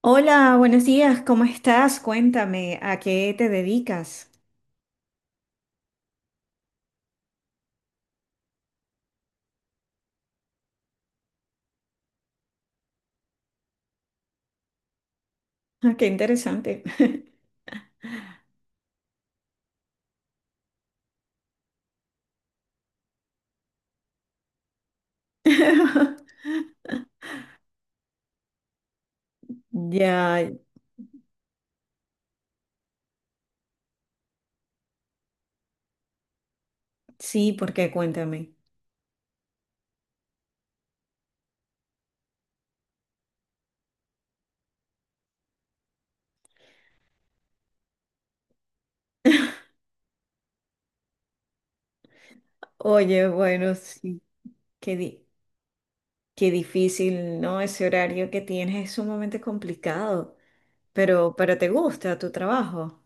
Hola, buenos días, ¿cómo estás? Cuéntame, ¿a qué te dedicas? Ah, qué interesante. Ya, sí, porque cuéntame. Oye, bueno, sí, qué, di- qué difícil, ¿no? Ese horario que tienes es sumamente complicado, pero te gusta tu trabajo.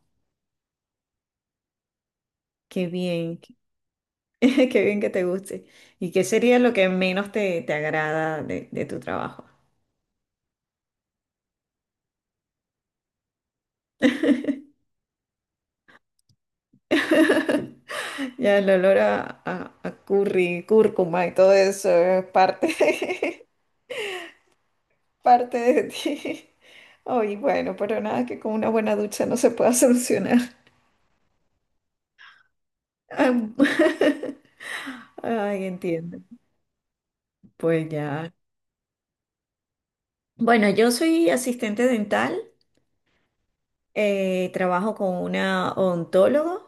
Qué bien, qué bien que te guste. ¿Y qué sería lo que menos te agrada de tu trabajo? Ya el olor a curry, cúrcuma y todo eso es parte, parte de ti. Ay, bueno, pero nada que con una buena ducha no se pueda solucionar. Am- Ay, entiendo. Pues ya. Bueno, yo soy asistente dental, trabajo con una odontóloga.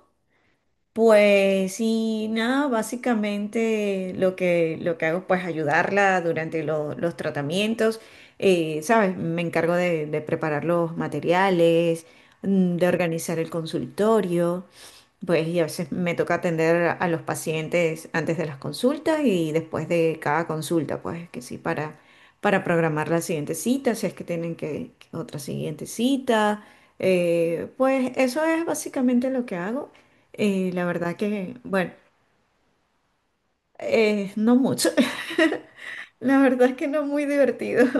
Pues y nada, básicamente lo que hago pues ayudarla durante los tratamientos, ¿sabes? Me encargo de preparar los materiales, de organizar el consultorio, pues y a veces me toca atender a los pacientes antes de las consultas y después de cada consulta, pues que sí, para programar la siguiente cita, si es que tienen que otra siguiente cita. Pues eso es básicamente lo que hago. La verdad que, bueno, no mucho. La verdad es que no muy divertido,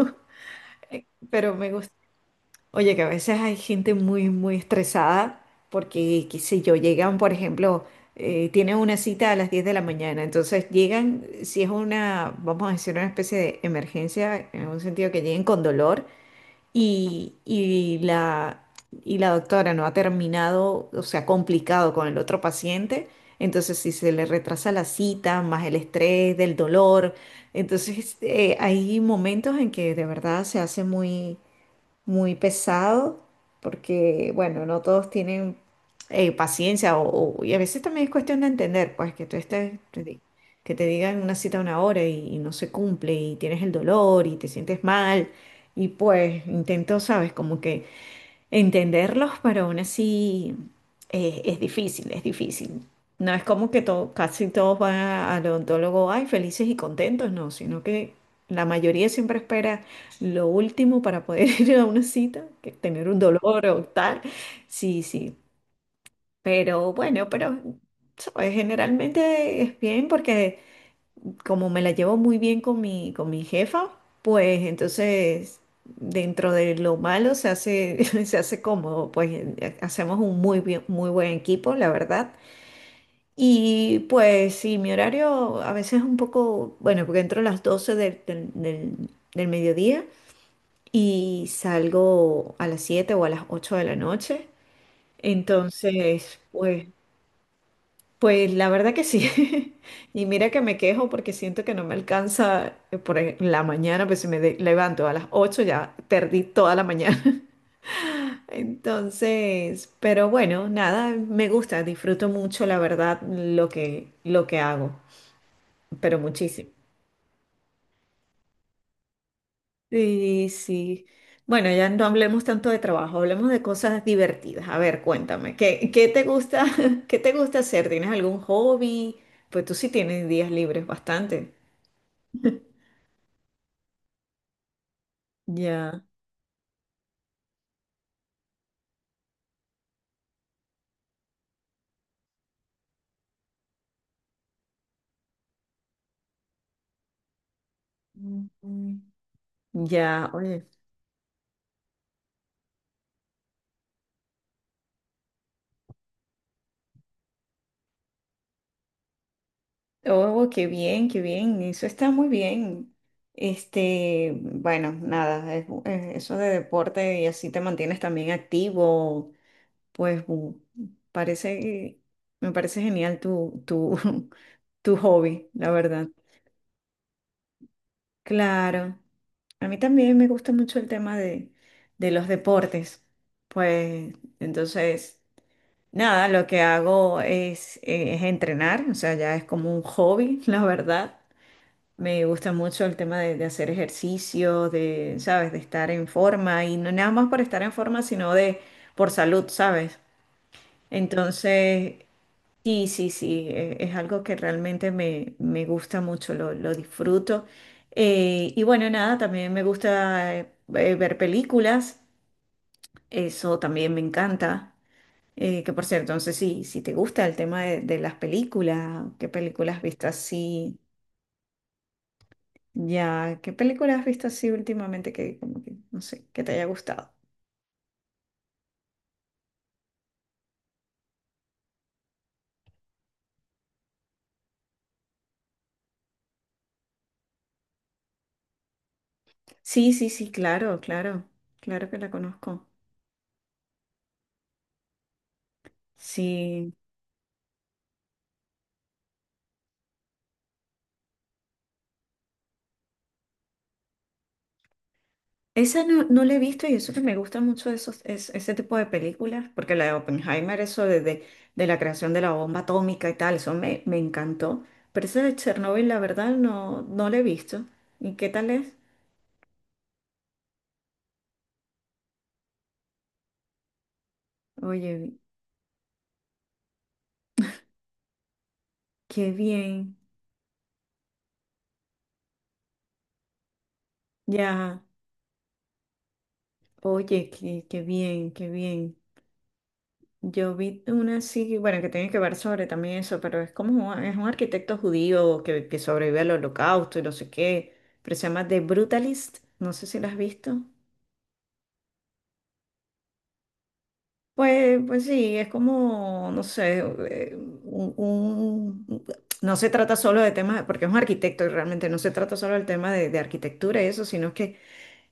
pero me gusta. Oye, que a veces hay gente muy estresada porque, qué sé yo, llegan, por ejemplo, tienen una cita a las 10 de la mañana, entonces llegan, si es una, vamos a decir, una especie de emergencia, en un sentido que lleguen con dolor y, y la, y la doctora no ha terminado, o sea, complicado con el otro paciente, entonces si se le retrasa la cita, más el estrés del dolor, entonces hay momentos en que de verdad se hace muy pesado, porque, bueno, no todos tienen paciencia o y a veces también es cuestión de entender, pues que tú estés, que te digan una cita a una hora y no se cumple y tienes el dolor y te sientes mal y pues intento, sabes, como que entenderlos, pero aún así es difícil, es difícil. No es como que casi todos van al odontólogo, ay, felices y contentos, no, sino que la mayoría siempre espera lo último para poder ir a una cita, que tener un dolor o tal. Sí, sí, pero bueno, pero ¿sabes? Generalmente es bien porque como me la llevo muy bien con mi jefa, pues entonces dentro de lo malo se hace, se hace cómodo, pues hacemos un muy buen equipo, la verdad. Y pues sí, mi horario a veces es un poco, bueno, porque entro a las 12 del mediodía y salgo a las 7 o a las 8 de la noche. Entonces, pues pues la verdad que sí. Y mira que me quejo porque siento que no me alcanza la mañana, pues si levanto a las 8 ya perdí toda la mañana. Entonces, pero bueno, nada, me gusta, disfruto mucho, la verdad, lo que hago, pero muchísimo. Sí, sí. Bueno, ya no hablemos tanto de trabajo, hablemos de cosas divertidas. A ver, cuéntame, ¿qué te gusta, qué te gusta hacer? ¿Tienes algún hobby? Pues tú sí tienes días libres bastante. Ya. Ujú. Ya, oye. Oh, qué bien, qué bien. Eso está muy bien. Este, bueno, nada, eso de deporte y así te mantienes también activo, pues parece, me parece genial tu hobby, la verdad. Claro, a mí también me gusta mucho el tema de los deportes. Pues entonces... Nada, lo que hago es entrenar, o sea, ya es como un hobby, la verdad. Me gusta mucho el tema de hacer ejercicio, de, ¿sabes? De estar en forma y no nada más por estar en forma, sino de por salud, ¿sabes? Entonces, sí, sí, sí, es algo que realmente me gusta mucho, lo disfruto. Y bueno, nada, también me gusta ver películas, eso también me encanta. Que por cierto, entonces si te gusta el tema de las películas, ¿qué películas has visto así? Ya, ¿qué películas has visto así últimamente que como que, no sé, que te haya gustado? Sí, sí, sí, claro, claro, claro que la conozco. Sí, esa no, no la he visto y eso que me gusta mucho de esos, ese tipo de películas, porque la de Oppenheimer, eso de la creación de la bomba atómica y tal, eso me, me encantó. Pero esa de Chernobyl, la verdad, no, no la he visto. ¿Y qué tal es? Oye, qué bien. Ya, oye, qué, qué bien, qué bien. Yo vi una así, bueno, que tiene que ver sobre también eso, pero es como es un arquitecto judío que sobrevive al holocausto y no sé qué, pero se llama The Brutalist, no sé si la has visto. Pues, pues sí, es como, no sé, eh, un, un- no se trata solo de temas, porque es un arquitecto y realmente no se trata solo del tema de arquitectura y eso, sino que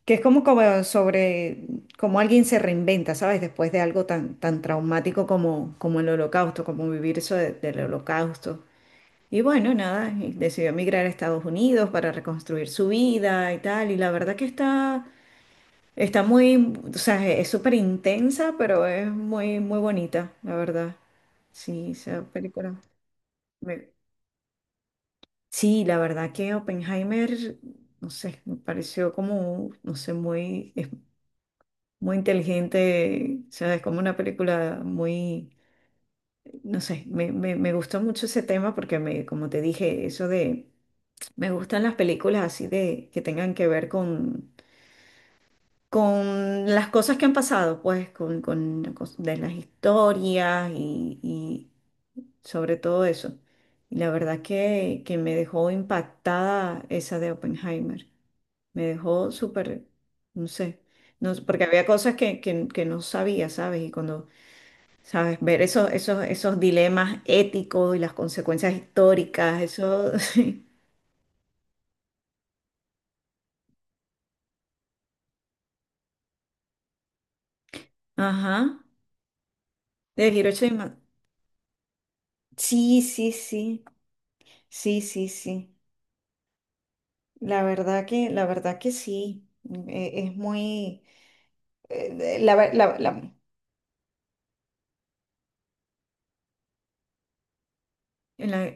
Que es como, como sobre cómo alguien se reinventa, ¿sabes? Después de algo tan traumático como, como el holocausto, como vivir del holocausto. Y bueno, nada, y decidió emigrar a Estados Unidos para reconstruir su vida y tal. Y la verdad que está, está muy, o sea, es súper intensa, pero es muy, muy bonita, la verdad. Sí, esa película. me- Sí, la verdad que Oppenheimer, no sé, me pareció como, no sé, muy inteligente, o sea, es como una película muy, no sé, me gustó mucho ese tema porque me, como te dije, eso de, me gustan las películas así de, que tengan que ver con las cosas que han pasado, pues, con, de las historias y sobre todo eso. Y la verdad que me dejó impactada esa de Oppenheimer. Me dejó súper, no sé, no, porque había cosas que no sabía, ¿sabes? Y cuando ¿sabes? Ver esos, esos, esos dilemas éticos y las consecuencias históricas, eso. Sí. Ajá. De Hiroshima. Sí, sí, sí. Sí, sí, sí. La verdad que sí. Es muy. eh, la, la, la- la-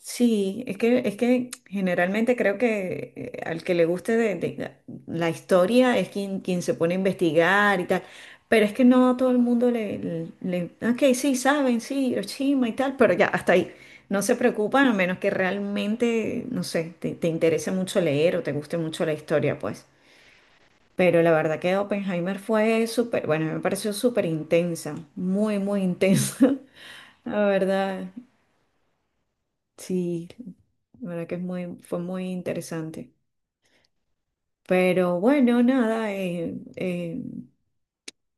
Sí, es que generalmente creo que al que le guste la historia es quien, quien se pone a investigar y tal, pero es que no a todo el mundo ok, sí, saben, sí, Hiroshima y tal, pero ya, hasta ahí. No se preocupan a menos que realmente, no sé, te interese mucho leer o te guste mucho la historia, pues. Pero la verdad que Oppenheimer fue súper, bueno, me pareció súper intensa, muy, muy intensa, la verdad, sí. La verdad que es muy, fue muy interesante. Pero bueno, nada,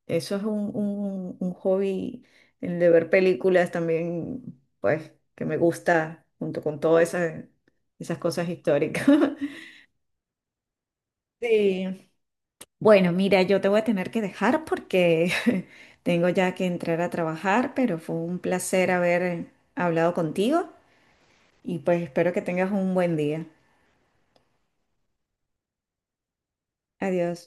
eso es un hobby, el de ver películas también, pues, que me gusta junto con todas esas, esas cosas históricas. Sí. Bueno, mira, yo te voy a tener que dejar porque tengo ya que entrar a trabajar, pero fue un placer haber hablado contigo y pues espero que tengas un buen día. Adiós.